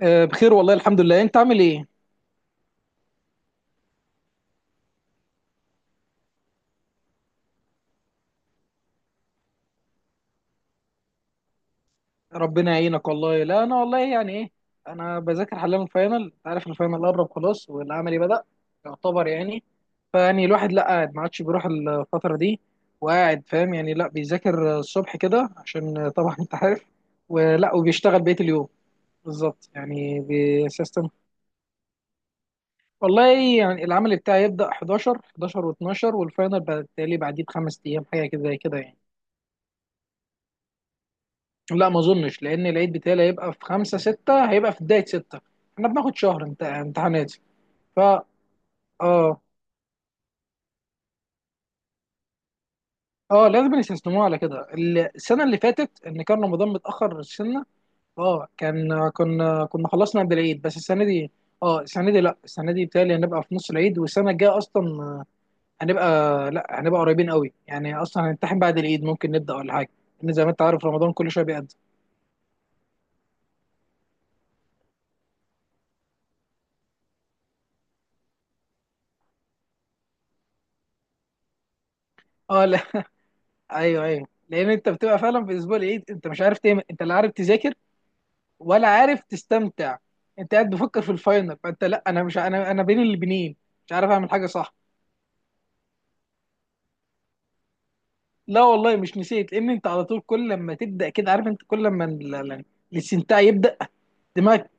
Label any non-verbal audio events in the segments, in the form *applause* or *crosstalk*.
آه، بخير والله الحمد لله. انت عامل ايه؟ ربنا يعينك والله. لا انا والله يعني ايه، انا بذاكر حاليا الفاينل. انت عارف الفاينل قرب خلاص، والعملي بدأ يعتبر يعني. فيعني الواحد لا قاعد، ما عادش بيروح الفترة دي، وقاعد فاهم يعني. لا بيذاكر الصبح كده عشان طبعا انت عارف، ولا وبيشتغل بقية اليوم. بالظبط يعني. بسيستم. والله يعني العمل بتاعي يبدأ 11 11 و12، والفاينل بالتالي بعديه بخمس ايام، حاجة كده زي كده يعني. لا ما اظنش، لان العيد بتاعي هيبقى في خمسة ستة، هيبقى في بداية ستة. احنا بناخد شهر امتحانات. فا اه اه لازم يستثنوه على كده. السنة اللي فاتت ان كان رمضان متأخر سنة. اه كان كنا خلصنا قبل العيد، بس السنة دي اه، السنة دي لا، السنة دي بتهيألي هنبقى في نص العيد. والسنة الجاية اصلا هنبقى، لا هنبقى قريبين قوي. يعني اصلا هنمتحن بعد العيد، ممكن نبدأ ولا حاجة، لان زي ما انت عارف رمضان كل شوية بيقدم. اه لا *laughs* ايوه ايوه، لان انت بتبقى فعلا في اسبوع العيد انت مش عارف تعمل، انت لا عارف تذاكر ولا عارف تستمتع. انت قاعد بفكر في الفاينل، فانت لا انا مش انا بين البنين مش عارف اعمل حاجه صح. لا والله مش نسيت، لان انت على طول كل لما تبدا كده. عارف انت كل لما الاستمتاع يبدا، دماغك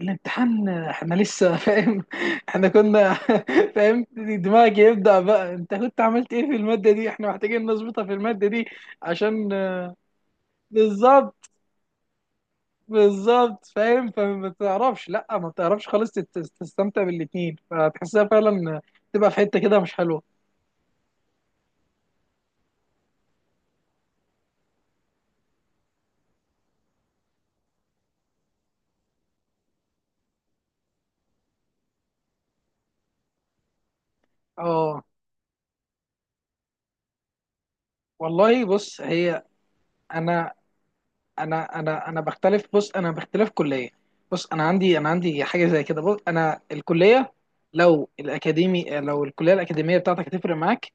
الامتحان احنا لسه فاهم. *laughs* احنا كنا *laughs* فاهم. دماغك يبدا بقى انت كنت عملت ايه في الماده دي، احنا محتاجين نظبطها في الماده دي عشان. بالظبط بالظبط. فاهم، فما تعرفش، لا ما تعرفش خالص تستمتع بالاتنين، فتحسها فعلا تبقى في حته كده مش حلوه. اه والله بص هي. انا انا بختلف. بص انا باختلاف كليه. بص انا عندي حاجه زي كده. بص انا الكليه، لو الاكاديمي، لو الكليه الاكاديميه بتاعتك هتفرق معاك،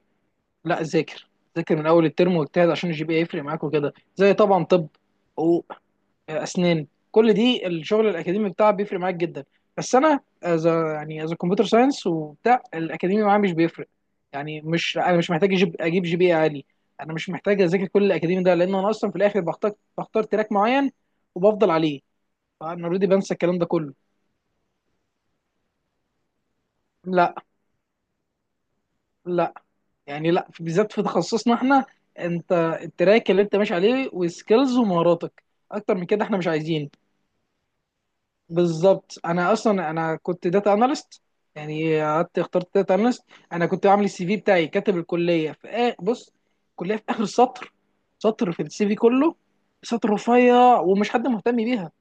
لا ذاكر. ذاكر من اول الترم واجتهد عشان الجي بي يفرق معاك، وكده زي طبعا. طب اسنان كل دي الشغل الاكاديمي بتاعها بيفرق معاك جدا. بس انا از يعني از كمبيوتر ساينس، وبتاع الاكاديمي معايا مش بيفرق. يعني مش انا مش محتاج اجيب جي بي إيه عالي. انا مش محتاج اذاكر كل الاكاديمي ده، لان انا اصلا في الاخر بختار، تراك معين وبفضل عليه. فانا اوريدي بنسى الكلام ده كله. لا لا، يعني لا بالذات في تخصصنا احنا، انت التراك اللي انت ماشي عليه وسكيلز ومهاراتك، اكتر من كده احنا مش عايزين. بالظبط. انا اصلا انا كنت داتا اناليست. يعني قعدت اخترت داتا اناليست. انا كنت عامل السي في بتاعي، كاتب الكليه في آه بص، الكليه في اخر السطر، سطر في السي في كله، سطر رفيع ومش حد مهتم بيها.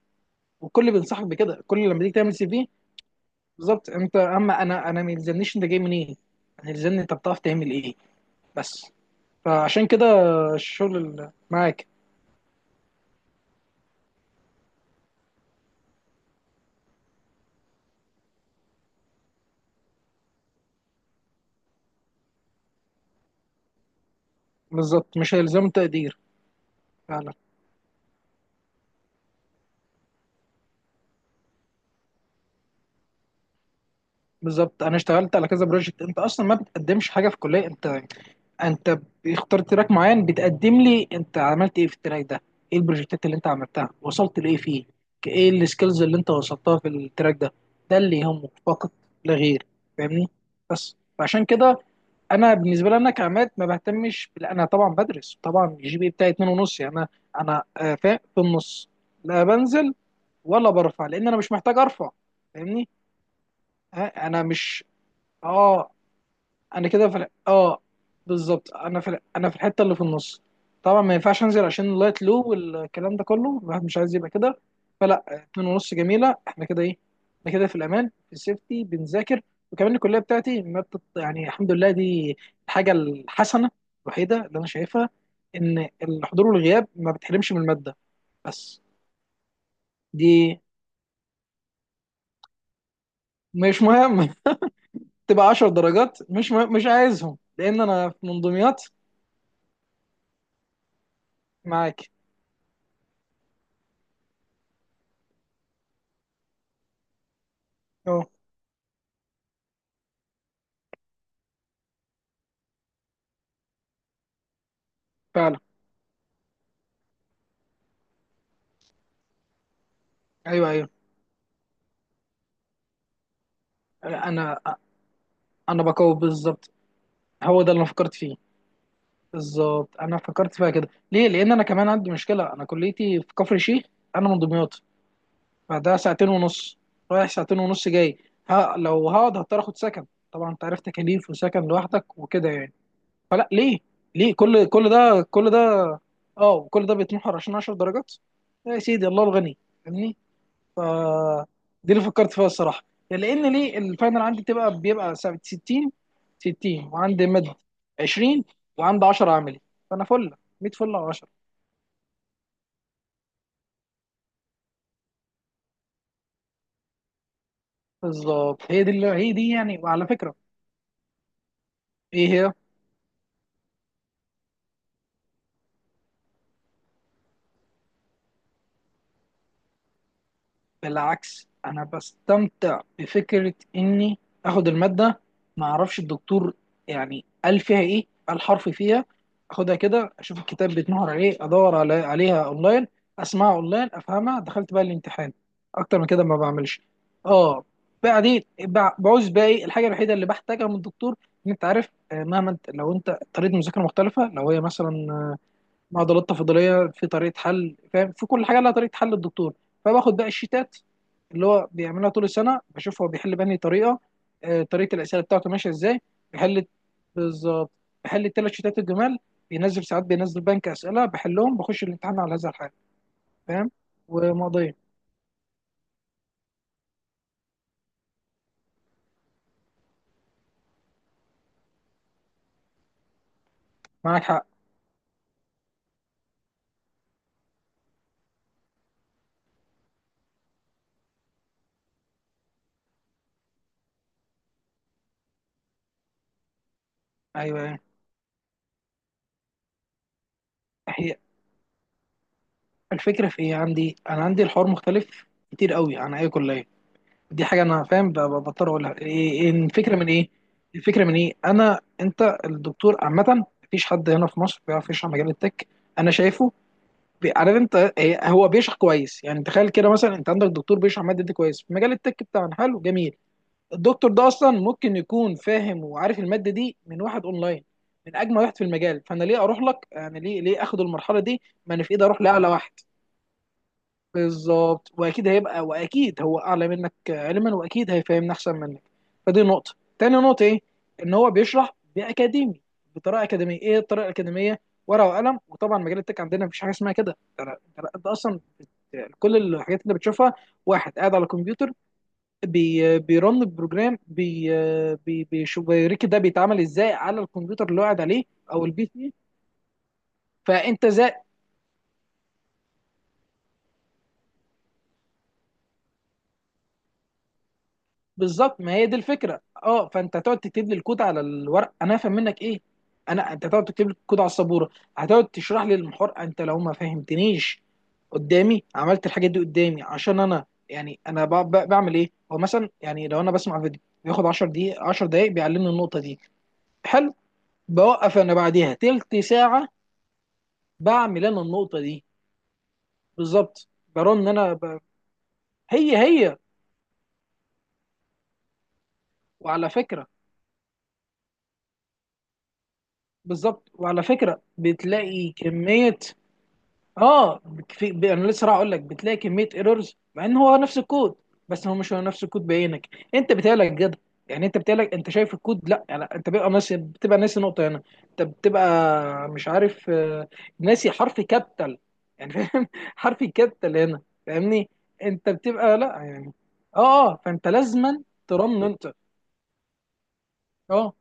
والكل بينصحك بكده كل لما تيجي تعمل سي في. بالظبط. انت اما انا ما يلزمنيش انت جاي منين، انا يلزمني انت بتعرف تعمل ايه. بس فعشان كده الشغل اللي معاك. بالظبط مش هيلزم تقدير. فعلا. بالظبط، انا اشتغلت على كذا بروجكت. انت اصلا ما بتقدمش حاجه في الكليه، انت انت بيختار تراك معين، بتقدم لي انت عملت ايه في التراك ده، ايه البروجكتات اللي انت عملتها، وصلت لايه فيه. ايه السكيلز اللي انت وصلتها في التراك ده، ده اللي يهمك فقط لا غير. فاهمني؟ بس فعشان كده، انا بالنسبه لي انا كعماد ما بهتمش انا طبعا بدرس. طبعا الجي بي إيه بتاعي اتنين ونص، يعني انا آه، في النص، لا بنزل ولا برفع، لان انا مش محتاج ارفع. فاهمني؟ ها، انا مش اه انا كده في ال- اه بالظبط، انا انا في الحته اللي في النص. طبعا ما ينفعش انزل عشان اللايت لو والكلام ده كله، الواحد مش عايز يبقى كده. فلا، اتنين ونص جميله، احنا كده ايه، احنا كده في الامان، في السيفتي بنذاكر. وكمان الكليه بتاعتي ما بتط... يعني الحمد لله، دي الحاجه الحسنه الوحيده اللي انا شايفها، ان الحضور والغياب ما بتحرمش من الماده. بس دي مش مهم. *laughs* تبقى 10 درجات مش مهم. مش عايزهم لان انا في منظوميات. معاك. اه فعلا. ايوه، انا انا بقوي بالظبط، هو ده اللي انا فكرت فيه. بالظبط، انا فكرت فيها كده ليه، لان انا كمان عندي مشكله. انا كليتي في كفر الشيخ، انا من دمياط، فده ساعتين ونص رايح، ساعتين ونص جاي. ها لو هقعد هضطر اخد سكن، طبعا انت عارف تكاليف وسكن لوحدك وكده يعني. فلا ليه، ليه كل ده، كل ده، اه كل ده بيتمحور عشان 10 درجات. يا سيدي الله الغني يعني. ف دي اللي فكرت فيها الصراحه، يعني لان ليه الفاينل عندي بتبقى بيبقى ساعة 60 60، وعندي مد 20، وعندي 10 عملي. فانا فل 100، فل على 10. بالظبط، هي دي، اللي هي دي يعني. وعلى فكره. ايه هي؟ بالعكس، انا بستمتع بفكره اني اخد الماده، ما اعرفش الدكتور يعني قال فيها ايه، قال حرف فيها. اخدها كده، اشوف الكتاب بيتنهر عليه، ادور على عليها اونلاين، اسمعها اونلاين افهمها، دخلت بقى الامتحان. اكتر من كده ما بعملش. اه. بعدين بعوز بقى ايه الحاجه الوحيده اللي بحتاجها من الدكتور. ان انت عارف آه، مهما انت، لو انت طريقه مذاكره مختلفه، لو هي مثلا معضلات تفاضليه في طريقه حل. فاهم، في كل حاجه لها طريقه حل الدكتور، فباخد بقى الشيتات اللي هو بيعملها طول السنه، بشوف هو بيحل بأنهي طريقه. آه، طريقه الاسئله بتاعته ماشيه ازاي بيحل. بالظبط. بحل الثلاث شيتات الجمال، بينزل ساعات، بينزل بنك اسئله بحلهم، بخش الامتحان على هذا الحال. فاهم. ومقضيه. معاك حق. ايوه، هي الفكره في ايه عندي، انا عندي الحوار مختلف كتير قوي عن اي كليه. دي حاجه انا فاهم بضطر اقولها. إيه إيه الفكره من ايه، الفكره من ايه؟ انا انت الدكتور عامه مفيش حد هنا في مصر بيعرف يشرح مجال التك. انا شايفه. عارف انت إيه، هو بيشرح كويس. يعني تخيل كده مثلا، انت عندك دكتور بيشرح ماده دي كويس في مجال التك بتاعنا، حلو جميل. الدكتور ده اصلا ممكن يكون فاهم وعارف الماده دي من واحد اونلاين، من اجمل واحد في المجال. فانا ليه اروح لك؟ يعني ليه، ليه اخد المرحله دي ما انا في ايدي اروح لاعلى واحد. بالظبط، واكيد هيبقى، واكيد هو اعلى منك علما، واكيد هيفهمنا احسن منك. فدي نقطه. تاني نقطه ايه، ان هو بيشرح باكاديمي، بطريقه اكاديميه. ايه الطريقه الاكاديميه؟ ورقه وقلم. وطبعا مجال التك عندنا مفيش حاجه اسمها كده، ده ده لا، ده اصلا كل الحاجات اللي بتشوفها واحد قاعد على الكمبيوتر، بيرن بروجرام، بي بيشوف بيوريك ده بيتعمل ازاي على الكمبيوتر اللي هو قاعد عليه، او البي سي. فانت زي. بالظبط، ما هي دي الفكره. اه فانت هتقعد تكتب لي الكود على الورق، انا هفهم منك ايه، انا انت هتقعد تكتب لي الكود على السبوره، هتقعد تشرح لي المحور انت، لو ما فهمتنيش قدامي عملت الحاجات دي قدامي، عشان انا يعني انا بعمل ايه. هو مثلا يعني لو انا بسمع فيديو بياخد 10 دقيقة 10 دقايق بيعلمني النقطة دي، حلو. بوقف انا بعديها تلت ساعة، بعمل انا النقطة دي. بالظبط. برن انا ب... هي هي. وعلى فكرة. بالظبط، وعلى فكرة بتلاقي كمية. اه في انا لسه راح اقول لك بتلاقي كميه ايرورز، مع ان هو نفس الكود، بس هو مش هو نفس الكود بعينك، انت بتقلق جد. يعني انت بتقلق، انت شايف الكود، لا يعني انت بيبقى ناسي، بتبقى ناسي نقطه هنا، انت بتبقى مش عارف آه، ناسي حرف كابيتال يعني. فاهم *laughs* حرف كابيتال هنا فاهمني. انت بتبقى لا يعني، اه اه فانت لازما ترن انت. اه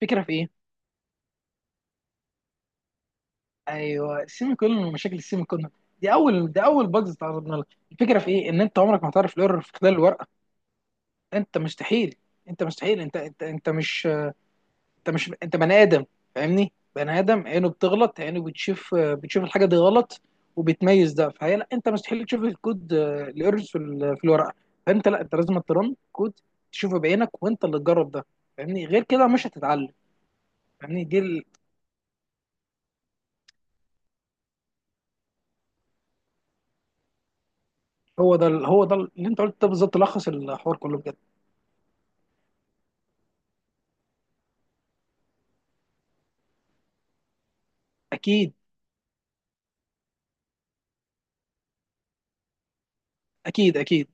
فكره في ايه؟ ايوه السيمي كولون، ومشاكل السيمي كولون دي اول، ده اول بجز تعرضنا لها. الفكره في ايه، ان انت عمرك ما هتعرف الايرور في خلال الورقه. انت مستحيل. انت مستحيل انت مش انت، مش انت بني ادم فاهمني. بني ادم عينه بتغلط، عينه بتشوف، بتشوف الحاجه دي غلط وبتميز ده. فهي لا انت مستحيل تشوف الكود الايرورز في في الورقه. فانت لا انت لازم ترن كود، تشوفه بعينك وانت اللي تجرب ده فاهمني. غير كده مش هتتعلم. فاهمني هو ده هو ده اللي انت قلت ده، بالظبط لخص الحوار كله بجد. اكيد اكيد اكيد.